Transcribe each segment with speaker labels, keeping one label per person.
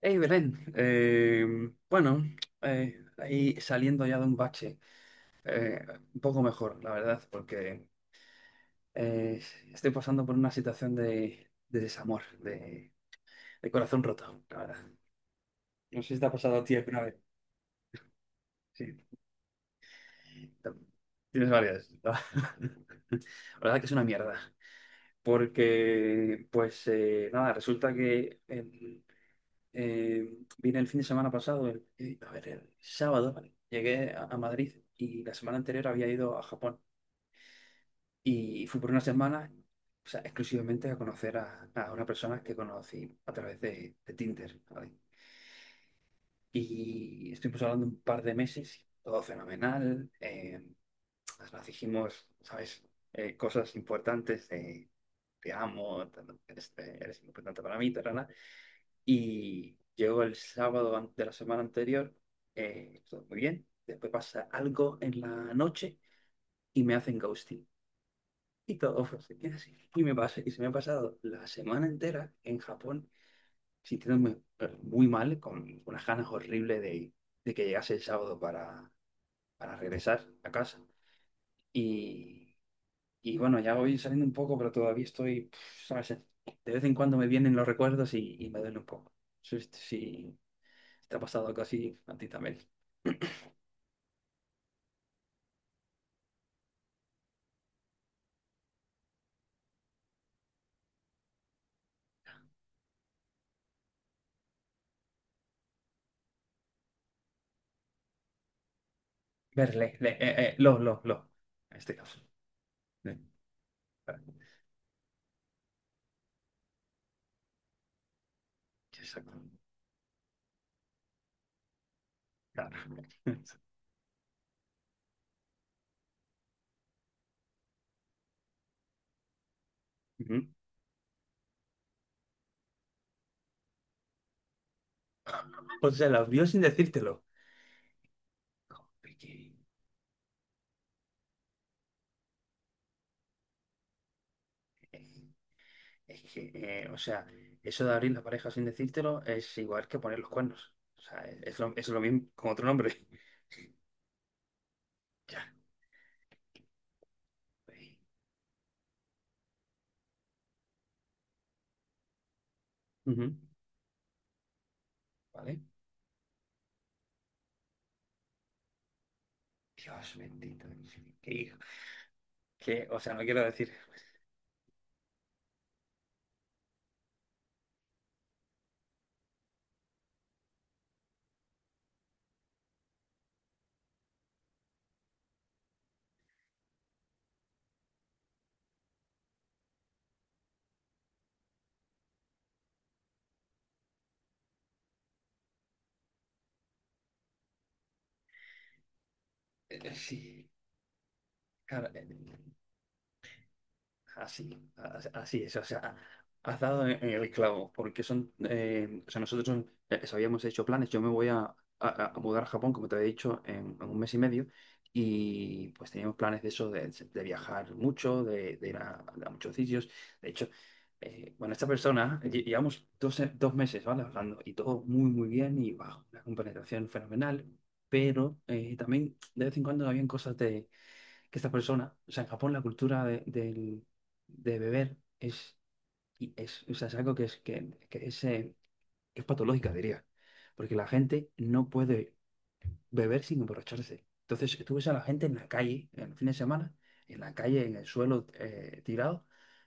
Speaker 1: Hey Belén, bueno, ahí saliendo ya de un bache, eh, un poco mejor, la verdad, porque eh, estoy pasando por una situación de, desamor, de corazón roto, la verdad. No sé si te ha pasado a ti alguna vez. Sí, te- tienes varias. ¿No? La verdad que es una mierda, porque pues nada, resulta que Eh, vine el fin de semana pasado, a ver, el sábado, ¿vale? Llegué a, Madrid, y la semana anterior había ido a Japón y fui por una semana, o sea, exclusivamente a conocer a, una persona que conocí a través de Tinder, ¿vale? Y estuvimos hablando un par de meses, todo fenomenal. Nos dijimos, ¿sabes? Cosas importantes de te amo, eres importante para mí, tal. Y llegó el sábado de la semana anterior, todo muy bien. Después pasa algo en la noche y me hacen ghosting. Y todo fue así, es así. Y me pasa, y se me ha pasado la semana entera en Japón sintiéndome muy mal, con unas ganas horribles de, que llegase el sábado para regresar a casa. Y, y bueno, ya voy saliendo un poco, pero todavía estoy, ¿sabes? De vez en cuando me vienen los recuerdos, y me duele un poco. Sí, sí, te ha pasado algo así a ti también. Verle, le, lo, lo. En este caso. Le- Exacto. Claro. Ujú. O sea, las vio sin decírtelo. Es que, es que, o sea, eso de abrir la pareja sin decírtelo es igual que poner los cuernos. O sea, es lo mismo con otro nombre. Ya. Ujú. ¿Vale? Dios bendito. Qué hijo. Que, o sea, no quiero decir. Sí. Claro, así, así es, o sea, has dado en el clavo, porque son, o sea, nosotros habíamos hecho planes. Yo me voy a, a mudar a Japón, como te había dicho, en, un mes y medio, y pues teníamos planes de eso, de, viajar mucho, de, ir a muchos sitios. De hecho, bueno, esta persona, llevamos dos meses, ¿vale? Hablando, y todo muy, muy bien, y bajo, una compenetración fenomenal, pero también de vez en cuando habían cosas que esta persona, o sea, en Japón la cultura de, de beber es, y es, o sea, es algo que es, que es patológica, diría, porque la gente no puede beber sin emborracharse. Entonces, tú ves a la gente en la calle, en el fin de semana, en la calle, en el suelo, tirado,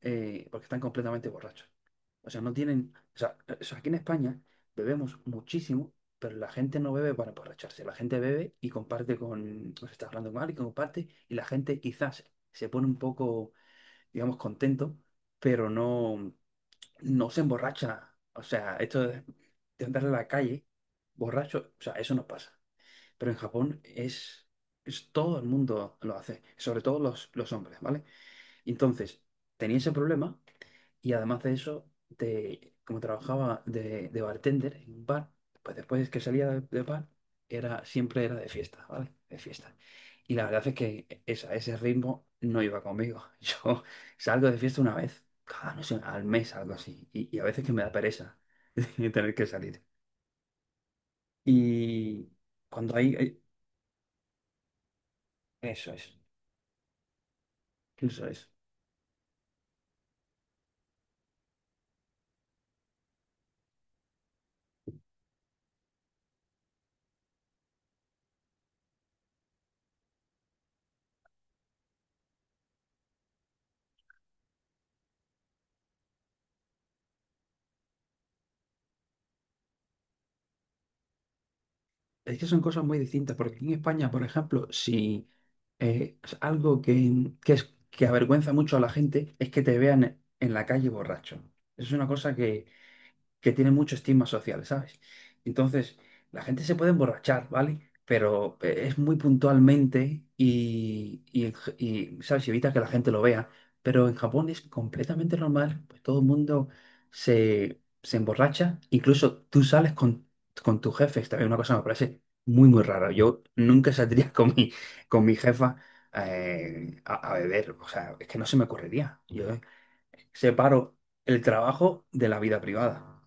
Speaker 1: porque están completamente borrachos. O sea, no tienen. O sea, aquí en España bebemos muchísimo, pero la gente no bebe para emborracharse. La gente bebe y comparte con. Pues está hablando con alguien, comparte, y la gente quizás se pone un poco, digamos, contento, pero no, no se emborracha. O sea, esto de andar en la calle borracho, o sea, eso no pasa. Pero en Japón es, todo el mundo lo hace, sobre todo los, hombres, ¿vale? Y entonces, tenía ese problema, y además de eso, como trabajaba de, bartender en un bar, pues después que salía de bar, siempre era de fiesta, ¿vale? De fiesta. Y la verdad es que ese ritmo no iba conmigo. Yo salgo de fiesta una vez, cada, no sé, al mes, algo así. y a veces que me da pereza tener que salir. Y cuando hay... hay- Eso es. Eso es. Es que son cosas muy distintas, porque aquí en España, por ejemplo, si es algo que avergüenza mucho a la gente es que te vean en la calle borracho. Es una cosa que, tiene mucho estigma social, ¿sabes? Entonces, la gente se puede emborrachar, ¿vale? Pero es muy puntualmente, ¿sabes? Evita que la gente lo vea. Pero en Japón es completamente normal, pues todo el mundo se, emborracha. Incluso tú sales con tu jefe, es también una cosa que me parece muy, muy rara. Yo nunca saldría con mi, jefa a beber, o sea, es que no se me ocurriría. Yo separo el trabajo de la vida privada.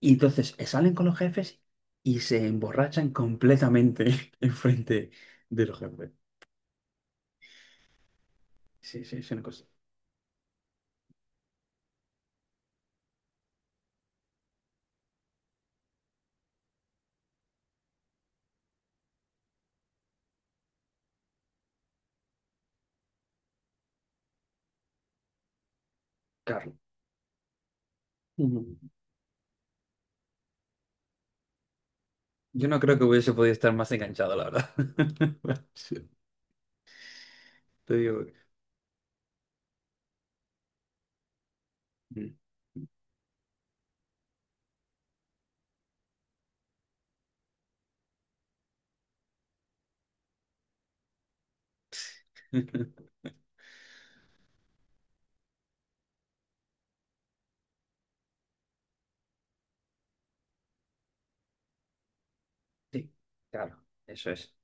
Speaker 1: Y entonces salen con los jefes y se emborrachan completamente enfrente de los jefes. Sí, sí, es una cosa. Carlos. Mm. Yo no creo que hubiese podido estar más enganchado, la verdad. Sí, te digo. Mm. Sí, claro, eso es.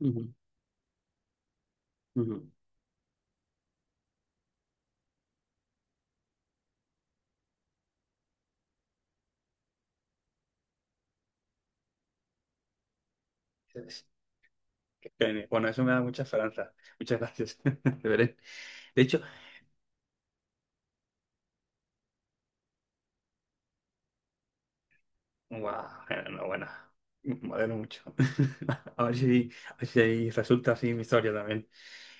Speaker 1: Ujú, ujú. Es. Genial. Bueno, eso me da mucha esperanza. Muchas gracias. De veré. De hecho, guau, enhorabuena. Me alegro mucho. A ver si resulta así mi historia también.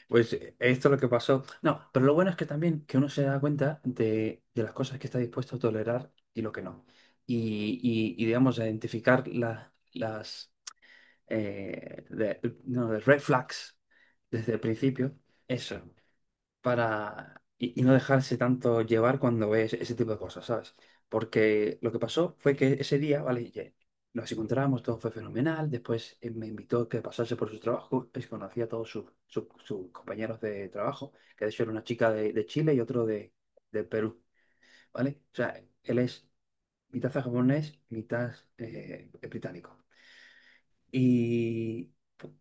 Speaker 1: Pues esto es lo que pasó. No, pero lo bueno es que también que uno se da cuenta de, las cosas que está dispuesto a tolerar y lo que no. Y, digamos, a identificar las eh, de- no, de red flags desde el principio. Eso para, y no dejarse tanto llevar cuando ves ese tipo de cosas, ¿sabes? Porque lo que pasó fue que ese día, ¿vale? Ya nos encontramos, todo fue fenomenal, después me invitó a que pasase por su trabajo, pues conocí a todos sus, sus compañeros de trabajo, que de hecho era una chica de, de, Chile y otro de Perú, ¿vale? O sea, él es mitad japonés, mitad británico. Y,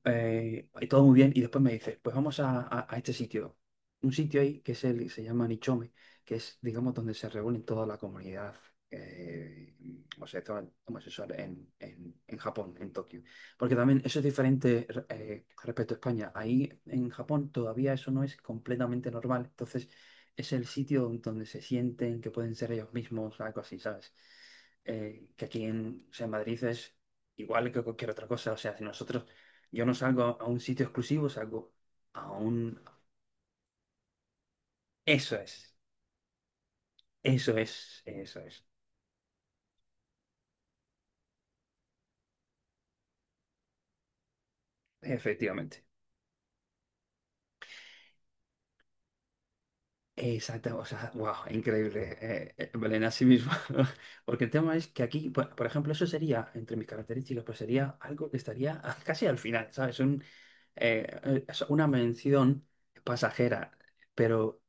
Speaker 1: todo muy bien. Y después me dice, pues vamos a, a este sitio. Un sitio ahí que es se llama Nichome, que es, digamos, donde se reúne toda la comunidad eh, homosexual, homosexual en, en Japón, en Tokio. Porque también eso es diferente respecto a España. Ahí en Japón todavía eso no es completamente normal. Entonces es el sitio donde se sienten que pueden ser ellos mismos, algo así, ¿sabes? Que aquí en, o sea, en Madrid es igual que cualquier otra cosa. O sea, si nosotros, yo no salgo a un sitio exclusivo, salgo a un... Eso es, eso es, eso es, efectivamente. Exacto, o sea, wow, increíble, Belén, así mismo. Porque el tema es que aquí, por ejemplo, eso sería, entre mis características, pues sería algo que estaría casi al final, ¿sabes? Es una mención pasajera, pero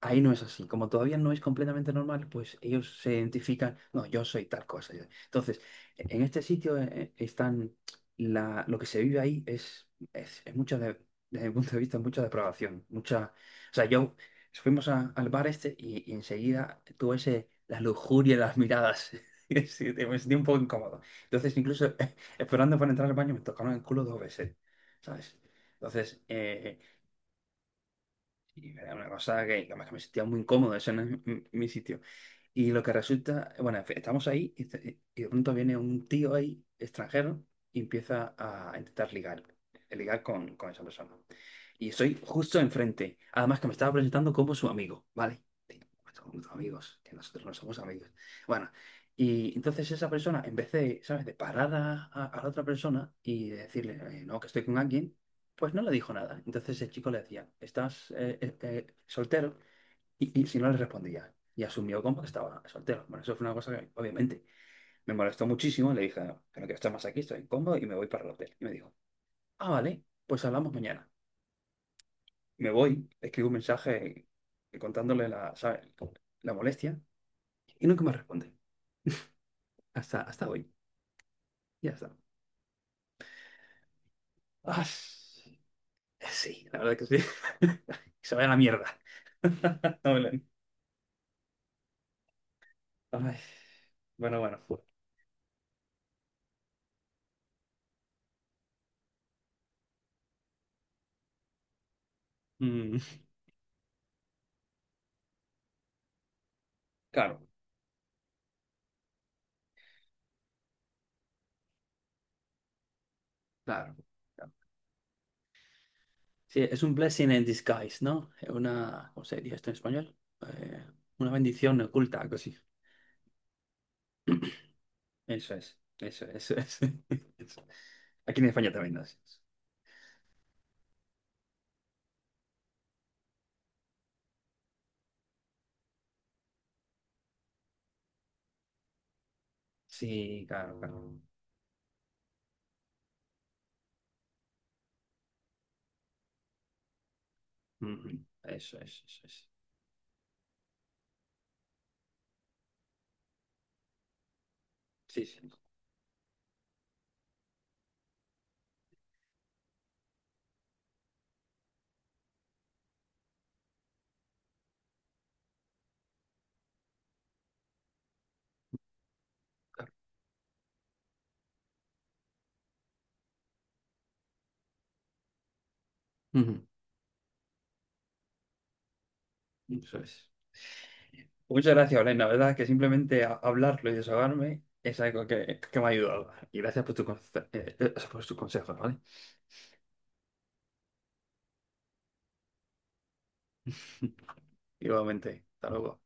Speaker 1: ahí no es así. Como todavía no es completamente normal, pues ellos se identifican, no, yo soy tal cosa. Entonces, en este sitio lo que se vive ahí es mucha, desde mi punto de vista, mucha depravación. Mucha, o sea, yo fuimos al bar este, y, enseguida tuve la lujuria en las miradas. Y sí, me sentí un poco incómodo. Entonces, incluso esperando para entrar al baño, me tocaron el culo dos veces, ¿sabes? Entonces, y era una cosa que, además, que me sentía muy incómodo, ese no es mi, sitio. Y lo que resulta, bueno, en fin, estamos ahí, y y de pronto viene un tío ahí, extranjero, y empieza a intentar ligar, con esa persona. Y estoy justo enfrente. Además que me estaba presentando como su amigo, ¿vale? Digo, "Pues somos amigos", que nosotros no somos amigos. Bueno, y entonces esa persona, en vez de, ¿sabes?, de parar a, a la otra persona y de decirle, no, que estoy con alguien, pues no le dijo nada. Entonces el chico le decía, ¿estás soltero? Y si no le respondía. Y asumió como que estaba soltero. Bueno, eso fue una cosa que obviamente me molestó muchísimo. Le dije, no, que no quiero estar más aquí, estoy incómodo y me voy para el hotel. Y me dijo, ah, vale, pues hablamos mañana. Me voy, le escribo un mensaje contándole la, ¿sabes?, la molestia, y nunca me responde. Hasta hoy. Ya está. Ah, sí, sí, la verdad que sí. Se vaya a la mierda. No me lo- Ay, bueno, bueno. Mm, claro, claro. Sí, es un blessing in disguise, ¿no? Es una, ¿cómo se diría esto en español? Eh, una bendición oculta, algo así. Eso es, eso es, eso es. Eso. Aquí en España también lo hacemos. Sí, claro, claro. Ujú. Eso es, eso es. Sí, sí, no, claro. Ujú. Eso es. Muchas gracias, Belén. La verdad que simplemente hablarlo y desahogarme es algo que, me ha ayudado. Y gracias por por tus consejos, ¿vale? Igualmente. Hasta luego.